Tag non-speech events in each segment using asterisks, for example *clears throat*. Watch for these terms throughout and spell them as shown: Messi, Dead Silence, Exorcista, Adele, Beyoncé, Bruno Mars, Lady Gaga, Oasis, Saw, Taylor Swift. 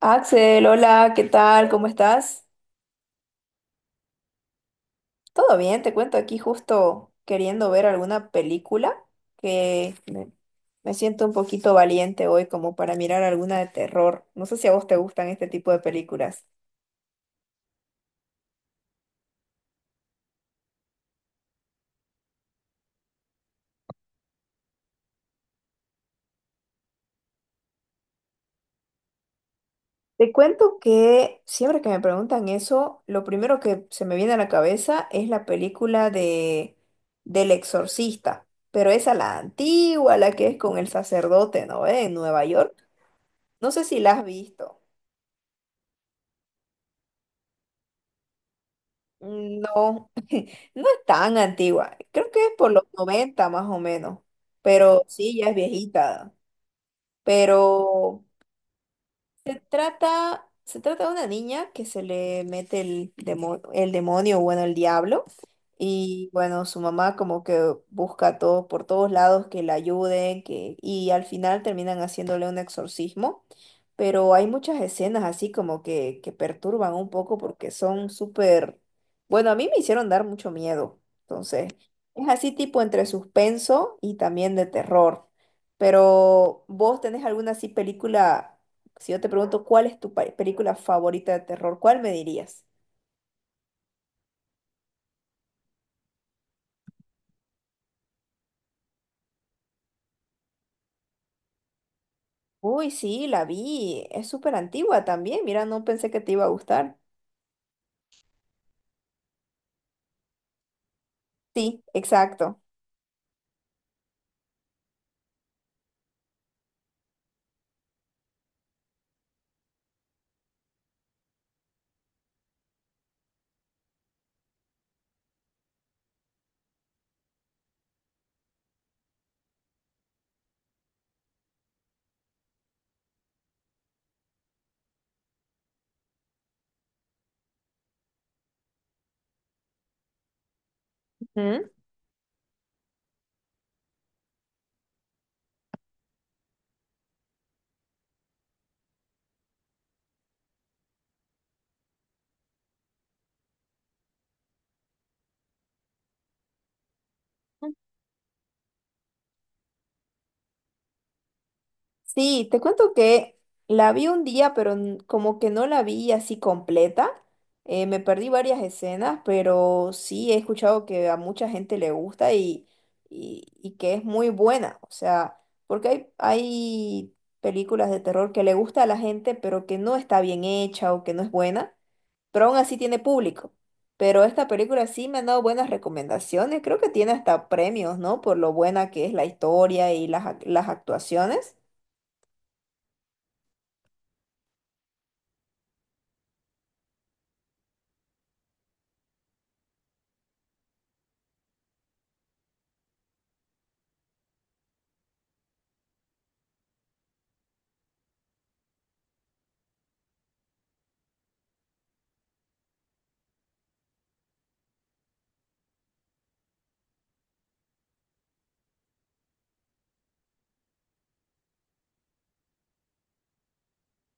Axel, hola, ¿qué tal? ¿Cómo estás? Todo bien, te cuento aquí justo queriendo ver alguna película que me, me siento un poquito valiente hoy como para mirar alguna de terror. No sé si a vos te gustan este tipo de películas. Te cuento que siempre que me preguntan eso, lo primero que se me viene a la cabeza es la película de del Exorcista, pero esa la antigua, la que es con el sacerdote, ¿no? En Nueva York. No sé si la has visto. No, no es tan antigua, creo que es por los 90 más o menos, pero sí, ya es viejita. Pero, se trata de una niña que se le mete el demonio, bueno, el diablo. Y bueno, su mamá como que busca todo, por todos lados que la ayuden, que, y al final terminan haciéndole un exorcismo. Pero hay muchas escenas así como que perturban un poco porque son súper, bueno, a mí me hicieron dar mucho miedo. Entonces, es así tipo entre suspenso y también de terror. Pero, ¿vos tenés alguna así película? Si yo te pregunto cuál es tu película favorita de terror, ¿cuál me dirías? Uy, sí, la vi. Es súper antigua también. Mira, no pensé que te iba a gustar. Sí, exacto. Ujú. Sí, te cuento que la vi un día, pero como que no la vi así completa. Me perdí varias escenas, pero sí he escuchado que a mucha gente le y que es muy buena. O sea, porque hay películas de terror que le gusta a la gente, pero que no está bien hecha o que no es buena, pero aún así tiene público. Pero esta película sí me han dado buenas recomendaciones. Creo que tiene hasta premios, ¿no? Por lo buena que es la historia y las las actuaciones.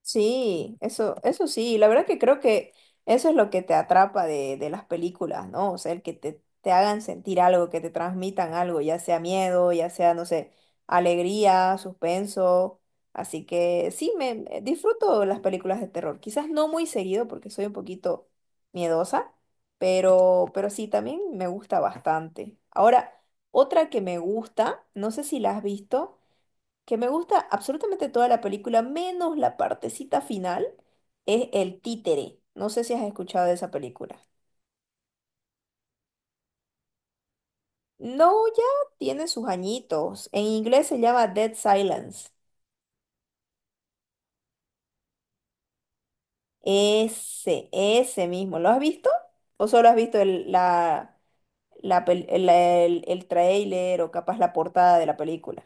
Sí, eso sí, la verdad que creo que eso es lo que te atrapa de las películas, ¿no? O sea, el que te hagan sentir algo, que te transmitan algo, ya sea miedo, ya sea, no sé, alegría, suspenso. Así que sí, disfruto las películas de terror. Quizás no muy seguido porque soy un poquito miedosa, pero sí, también me gusta bastante. Ahora, otra que me gusta, no sé si la has visto, que me gusta absolutamente toda la película, menos la partecita final, es el títere. No sé si has escuchado de esa película. No, ya tiene sus añitos. En inglés se llama Dead Silence. Ese mismo. ¿Lo has visto? ¿O solo has visto el tráiler o capaz la portada de la película?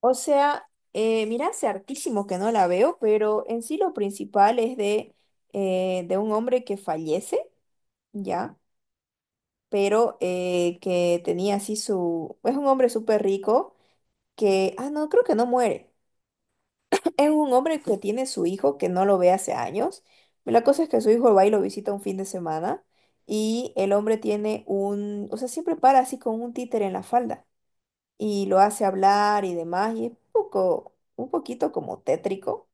O sea, mira, hace hartísimo que no la veo, pero en sí lo principal es de un hombre que fallece, ¿ya? Pero que tenía así su... Es un hombre súper rico que... Ah, no, creo que no muere. *laughs* *clears throat* Es un hombre que tiene su hijo que no lo ve hace años. La cosa es que su hijo va y lo visita un fin de semana y el hombre tiene un... O sea, siempre para así con un títere en la falda y lo hace hablar y demás y es un poco, un poquito como tétrico,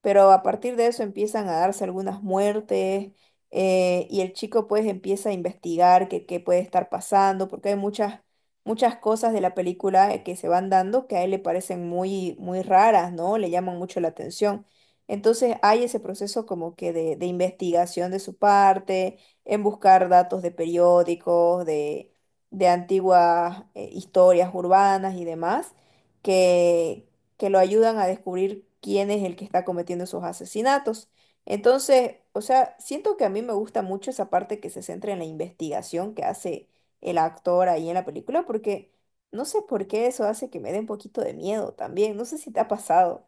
pero a partir de eso empiezan a darse algunas muertes, y el chico pues empieza a investigar qué puede estar pasando, porque hay muchas cosas de la película que se van dando que a él le parecen muy raras, ¿no? Le llaman mucho la atención. Entonces hay ese proceso como que de investigación de su parte, en buscar datos de periódicos, de antiguas historias urbanas y demás que, que lo ayudan a descubrir quién es el que está cometiendo esos asesinatos. Entonces, o sea, siento que a mí me gusta mucho esa parte que se centra en la investigación que hace el actor ahí en la película, porque no sé por qué eso hace que me dé un poquito de miedo también. No sé si te ha pasado.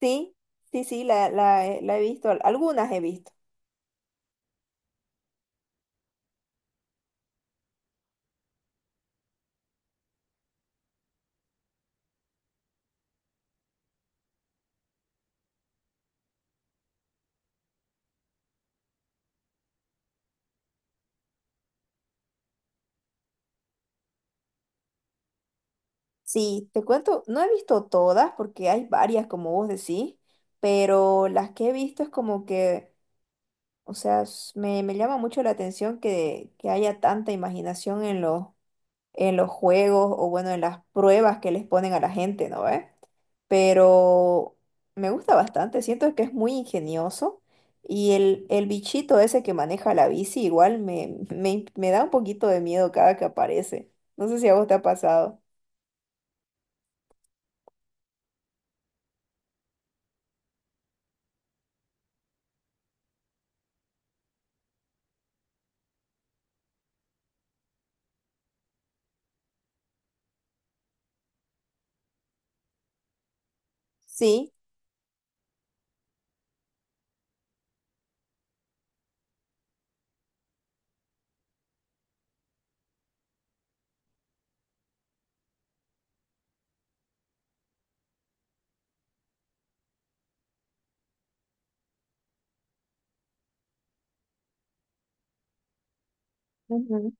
Sí, sí, sí, la, la he visto, algunas he visto. Sí, te cuento, no he visto todas porque hay varias, como vos decís, pero las que he visto es como que... O sea, me llama mucho la atención que haya tanta imaginación en en los juegos o bueno, en las pruebas que les ponen a la gente, ¿no ve? Pero me gusta bastante, siento que es muy ingenioso y el bichito ese que maneja la bici igual me da un poquito de miedo cada que aparece. No sé si a vos te ha pasado. Sí. Ujú.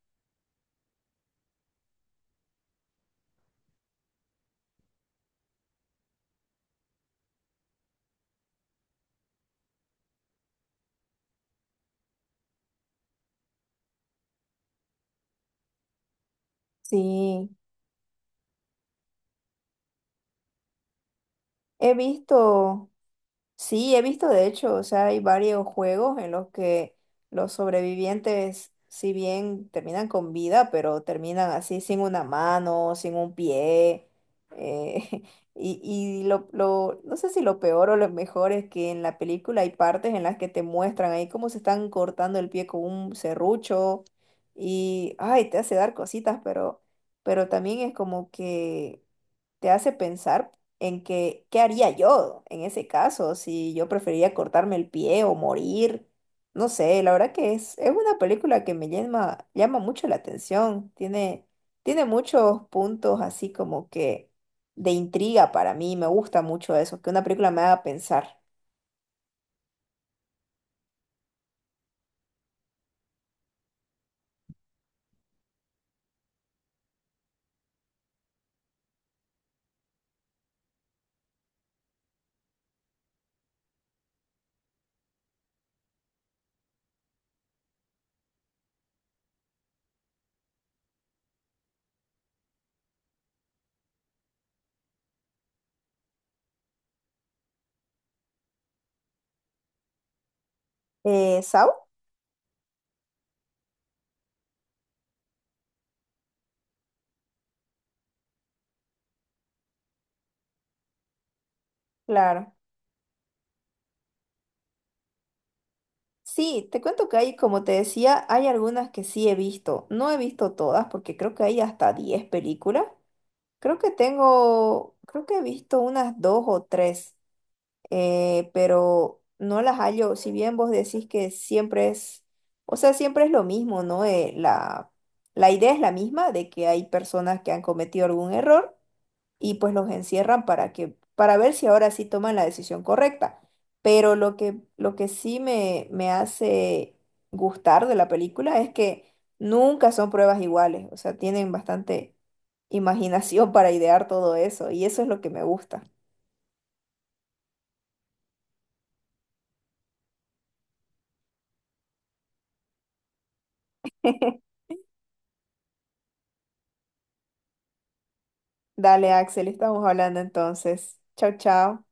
Sí, he visto. Sí, he visto de hecho, o sea, hay varios juegos en los que los sobrevivientes, si bien terminan con vida, pero terminan así sin una mano, sin un pie. eh, *laughs* no sé si lo peor o lo mejor es que en la película hay partes en las que te muestran ahí cómo se están cortando el pie con un serrucho y, ay, te hace dar cositas, pero también es como que te hace pensar en que, ¿qué haría yo en ese caso? Si yo preferiría cortarme el pie o morir. No sé, la verdad que es una película que me llama mucho la atención. Tiene muchos puntos así como que de intriga para mí. Me gusta mucho eso, que una película me haga pensar. ¿Saw? Claro. Sí, te cuento que hay, como te decía, hay algunas que sí he visto. No he visto todas porque creo que hay hasta 10 películas. Creo que tengo, creo que he visto unas dos o tres, pero no las hallo. Si bien vos decís que siempre es, o sea, siempre es lo mismo, ¿no? La idea es la misma de que hay personas que han cometido algún error y pues los encierran para que, para ver si ahora sí toman la decisión correcta. Pero lo que sí me hace gustar de la película es que nunca son pruebas iguales, o sea, tienen bastante imaginación *laughs* para idear todo eso y eso es lo que me gusta. *laughs* Dale, Axel, estamos hablando entonces. Chao, chao.